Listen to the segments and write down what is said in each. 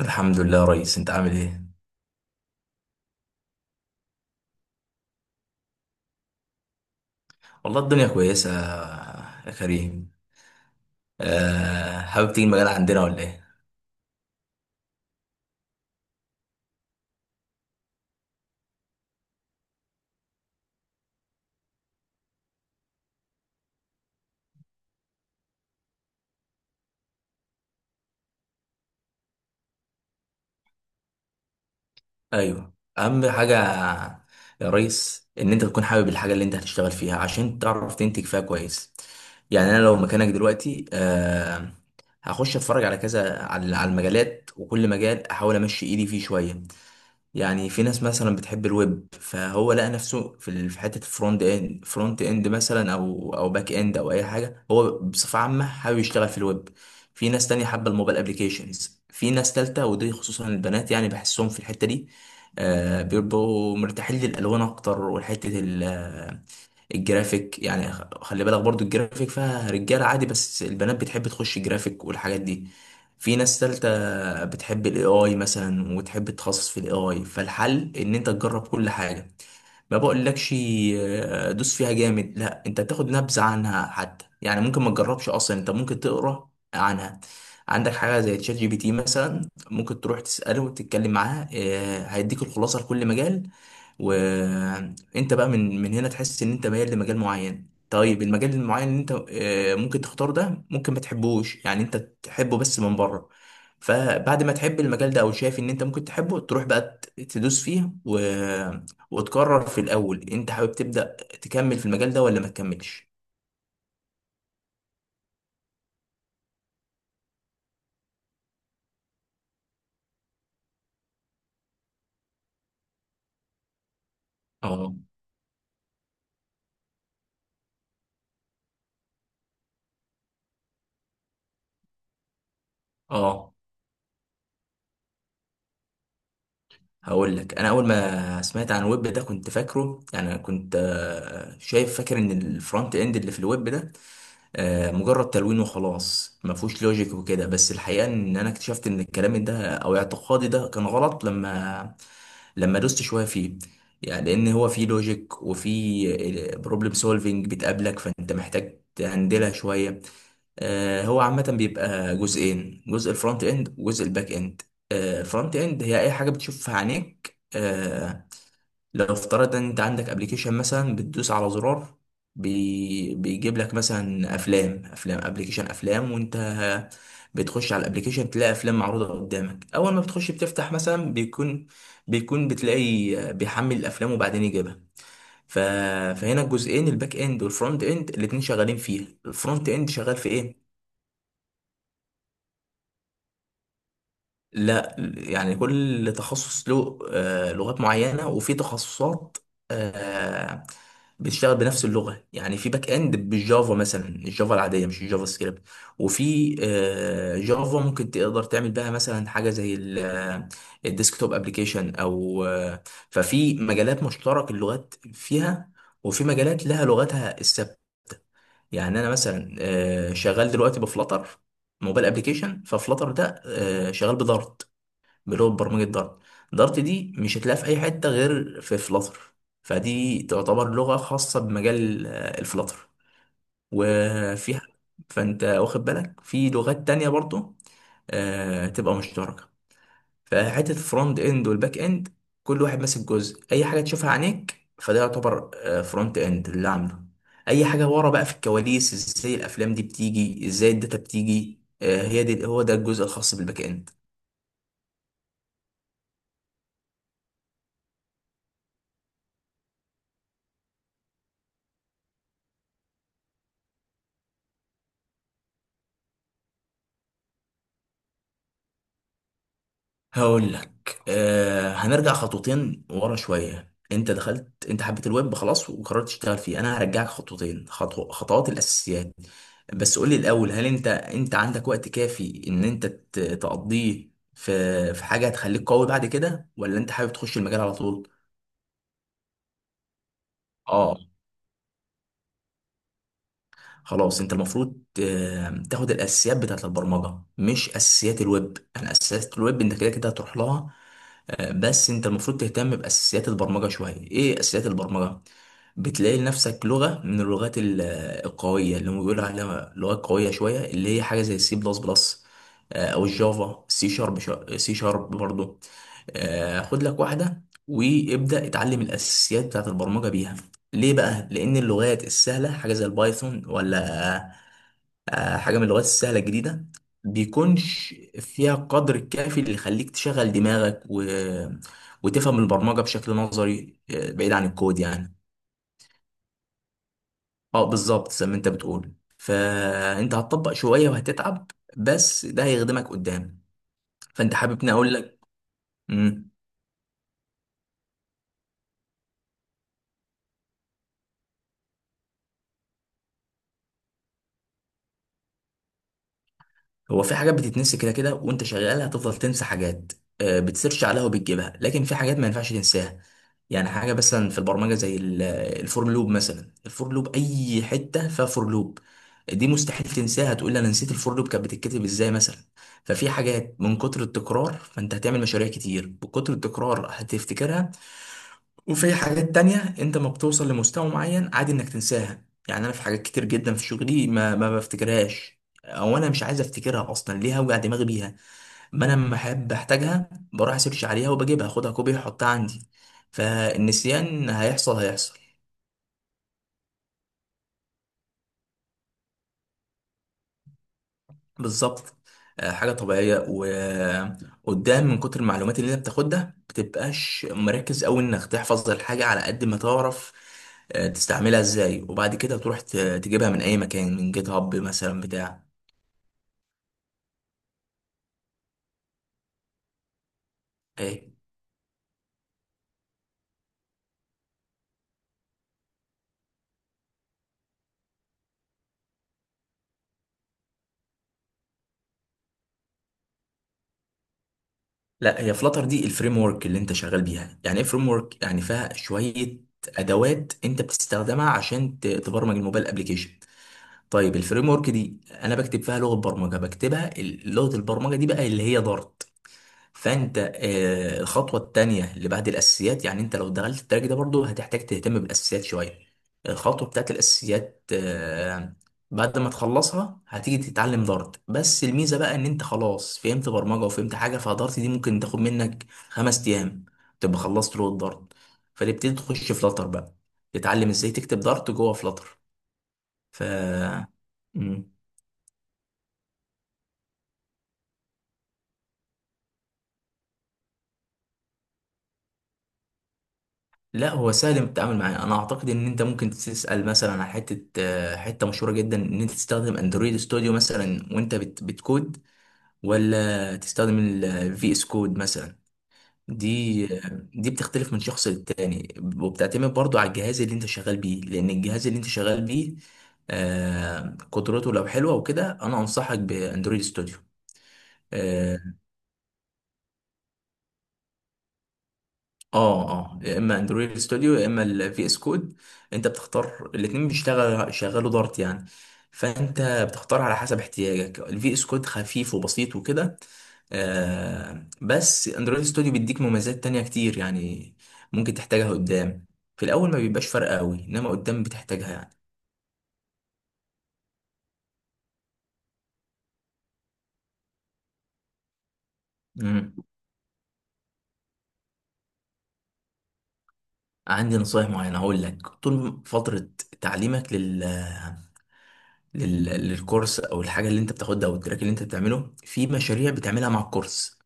الحمد لله يا ريس، انت عامل ايه؟ والله الدنيا كويسه يا كريم. أه، حابب تيجي المجال عندنا ولا ايه؟ ايوه، اهم حاجه يا ريس ان انت تكون حابب الحاجه اللي انت هتشتغل فيها عشان تعرف تنتج فيها كويس. يعني انا لو مكانك دلوقتي هخش اتفرج على كذا على المجالات، وكل مجال احاول امشي ايدي فيه شويه. يعني في ناس مثلا بتحب الويب، فهو لقى نفسه في حته فرونت اند فرونت اند مثلا او باك اند او اي حاجه، هو بصفه عامه حابب يشتغل في الويب. في ناس تانية حابه الموبايل ابلكيشنز، في ناس تالتة ودي خصوصا البنات يعني بحسهم في الحته دي، بيبقوا مرتاحين للالوان اكتر. وحته الجرافيك، يعني خلي بالك برضو الجرافيك فيها رجاله عادي، بس البنات بتحب تخش جرافيك والحاجات دي. في ناس تالتة بتحب الاي اي مثلا وتحب تتخصص في الاي اي، فالحل ان انت تجرب كل حاجه. ما بقولكش دوس فيها جامد، لا انت تاخد نبذه عنها حتى، يعني ممكن ما تجربش اصلا، انت ممكن تقرا عنها. عندك حاجه زي تشات جي بي تي مثلا، ممكن تروح تساله وتتكلم معاه، هيديك الخلاصه لكل مجال. وانت بقى من هنا تحس ان انت ميال لمجال معين. طيب المجال المعين اللي انت ممكن تختاره ده ممكن ما تحبوش، يعني انت تحبه بس من بره. فبعد ما تحب المجال ده او شايف ان انت ممكن تحبه، تروح بقى تدوس فيه و وتقرر في الاول انت حابب تبدأ تكمل في المجال ده ولا ما تكملش. اه، اه، هقول لك. انا اول ما سمعت عن الويب ده كنت فاكره، يعني كنت شايف، فاكر ان الفرونت اند اللي في الويب ده مجرد تلوين وخلاص، ما فيهوش لوجيك وكده. بس الحقيقه ان انا اكتشفت ان الكلام ده او اعتقادي ده كان غلط لما دوست شويه فيه. يعني لان هو فيه لوجيك، وفيه بروبلم سولفينج بتقابلك، فانت محتاج تهندلها شويه. هو عامة بيبقى جزئين، جزء الفرونت اند وجزء الباك اند. الفرونت اند هي اي حاجة بتشوفها عينيك. لو افترضنا ان انت عندك ابلكيشن مثلا، بتدوس على زرار، بيجيب لك مثلا افلام، افلام ابلكيشن افلام، وانت بتخش على الابلكيشن تلاقي افلام معروضه قدامك. اول ما بتخش بتفتح مثلا بيكون بتلاقي بيحمل الافلام وبعدين يجيبها. ف فهنا الجزئين الباك اند والفرونت اند الاتنين شغالين فيها، الفرونت اند شغال في ايه؟ لا يعني كل تخصص له لغات معينة، وفي تخصصات آه، بتشتغل بنفس اللغة. يعني في باك اند بالجافا مثلا، الجافا العادية مش الجافا سكريبت. وفي جافا ممكن تقدر تعمل بها مثلا حاجة زي الديسكتوب ابلكيشن، او ففي مجالات مشترك اللغات فيها، وفي مجالات لها لغتها الثابتة. يعني انا مثلا شغال دلوقتي بفلتر، موبايل ابلكيشن. ففلتر ده شغال بدارت، اللي هو برمجة دارت. دارت دي مش هتلاقيها في أي حتة غير في فلاتر، فدي تعتبر لغة خاصة بمجال الفلاتر. وفيها، فأنت واخد بالك في لغات تانية برضو تبقى مشتركة. فحتة الفرونت اند والباك اند، كل واحد ماسك جزء. أي حاجة تشوفها عينيك فده يعتبر فرونت اند اللي عامله. أي حاجة ورا بقى في الكواليس، ازاي الأفلام دي بتيجي، ازاي الداتا بتيجي، هي دي هو ده الجزء الخاص بالباك اند. هقول لك، هنرجع خطوتين ورا شوية. انت دخلت، انت حبيت الويب خلاص وقررت تشتغل فيه، انا هرجعك خطوتين، خطوات الاساسيات. بس قول لي الاول، هل انت عندك وقت كافي ان انت تقضيه في حاجة هتخليك قوي بعد كده، ولا انت حابب تخش المجال على طول؟ اه، خلاص انت المفروض تاخد الاساسيات بتاعت البرمجه، مش اساسيات الويب. يعني اساسيات الويب انت كده كده هتروح لها. بس انت المفروض تهتم باساسيات البرمجه شويه. ايه اساسيات البرمجه؟ بتلاقي لنفسك لغه من اللغات القويه، اللي هم بيقولوا عليها لغات قويه شويه، اللي هي حاجه زي السي بلس بلس، او الجافا سي شارب. سي شارب برضه. خد لك واحده وابدا اتعلم الاساسيات بتاعت البرمجه بيها. ليه بقى؟ لأن اللغات السهلة حاجة زي البايثون، ولا حاجة من اللغات السهلة الجديدة، بيكونش فيها قدر الكافي اللي يخليك تشغل دماغك و وتفهم البرمجة بشكل نظري، بعيد عن الكود يعني. اه بالظبط، زي ما انت بتقول فانت هتطبق شوية وهتتعب، بس ده هيخدمك قدام. فانت حاببني اقول لك، هو في حاجات بتتنسي كده كده وانت شغال، هتفضل تنسى حاجات. بتسيرش عليها وبتجيبها، لكن في حاجات ما ينفعش تنساها. يعني حاجه مثلا في البرمجه زي الفور لوب، مثلا الفور لوب، اي حته فيها فور لوب دي مستحيل تنساها. تقول لي انا نسيت الفور لوب كانت بتتكتب ازاي مثلا؟ ففي حاجات من كتر التكرار، فانت هتعمل مشاريع كتير، بكتر التكرار هتفتكرها. وفي حاجات تانية انت ما بتوصل لمستوى معين، عادي انك تنساها. يعني انا في حاجات كتير جدا في شغلي ما بفتكرهاش، او انا مش عايز افتكرها اصلا، ليه هوجع دماغي بيها؟ ما انا لما احب احتاجها بروح اسيرش عليها وبجيبها، اخدها كوبي واحطها عندي. فالنسيان هيحصل هيحصل. بالظبط، حاجه طبيعيه. وقدام من كتر المعلومات اللي انت بتاخدها بتبقاش مركز قوي انك تحفظ الحاجه، على قد ما تعرف تستعملها ازاي، وبعد كده تروح تجيبها من اي مكان، من جيت هاب مثلا بتاع. إيه؟ لا هي فلاتر دي الفريم ورك اللي انت شغال بيها. يعني ايه فريم ورك؟ يعني فيها شويه ادوات انت بتستخدمها عشان تبرمج الموبايل ابلكيشن. طيب الفريم ورك دي انا بكتب فيها لغه برمجه، بكتبها لغه البرمجه دي بقى اللي هي دارت. فانت الخطوه التانيه اللي بعد الاساسيات، يعني انت لو دخلت التراك ده برضو هتحتاج تهتم بالاساسيات شويه. الخطوه بتاعت الاساسيات بعد ما تخلصها هتيجي تتعلم دارت. بس الميزه بقى ان انت خلاص فهمت برمجه وفهمت حاجه، فدارت دي ممكن تاخد منك 5 ايام تبقى خلصت لغه دارت. فتبتدي تخش فلاتر بقى، تتعلم ازاي تكتب دارت جوه فلاتر. ف لا هو سهل التعامل معاه. انا اعتقد ان انت ممكن تسال مثلا على حته حته مشهوره جدا. ان انت تستخدم اندرويد ستوديو مثلا وانت بتكود، ولا تستخدم الفي اس كود مثلا. دي بتختلف من شخص للتاني، وبتعتمد برضو على الجهاز اللي انت شغال بيه، لان الجهاز اللي انت شغال بيه قدرته لو حلوه وكده، انا انصحك باندرويد ستوديو. اه، اه، يا اما اندرويد ستوديو يا اما الفي اس كود. انت بتختار، الاتنين بيشتغل شغالوا دارت يعني. فانت بتختار على حسب احتياجك، الفي اس كود خفيف وبسيط وكده، بس اندرويد ستوديو بيديك مميزات تانية كتير يعني، ممكن تحتاجها قدام. في الاول ما بيبقاش فرق قوي، انما قدام بتحتاجها يعني. مم. عندي نصايح معينة. هقول لك، طول فترة تعليمك للكورس، او الحاجه اللي انت بتاخدها، او التراك اللي انت بتعمله، في مشاريع بتعملها مع الكورس.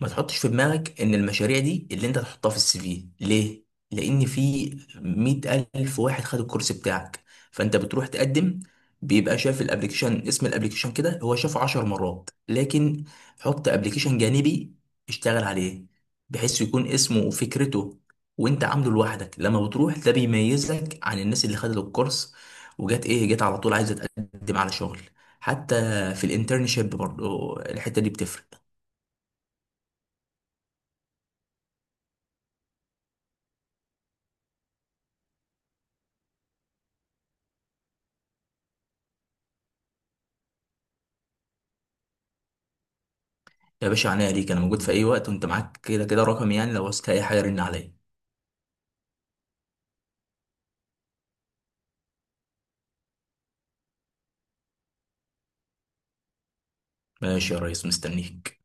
ما تحطش في دماغك ان المشاريع دي اللي انت تحطها في السي في. ليه؟ لان في 100,000 واحد خد الكورس بتاعك، فانت بتروح تقدم، بيبقى شاف الابليكيشن، اسم الابليكيشن كده هو شافه 10 مرات. لكن حط ابليكيشن جانبي، اشتغل عليه بحيث يكون اسمه وفكرته وانت عامله لوحدك. لما بتروح ده بيميزك عن الناس اللي خدت الكورس وجت، ايه؟ جت على طول عايزه تقدم على شغل. حتى في الانترنشيب برضو الحته دي بتفرق. يا باشا، عينيا ليك. انا موجود في اي وقت، وانت معاك كده كده رقمي يعني، لو عوزت اي حاجه رن عليا. ماشي يا ريس، مستنيك.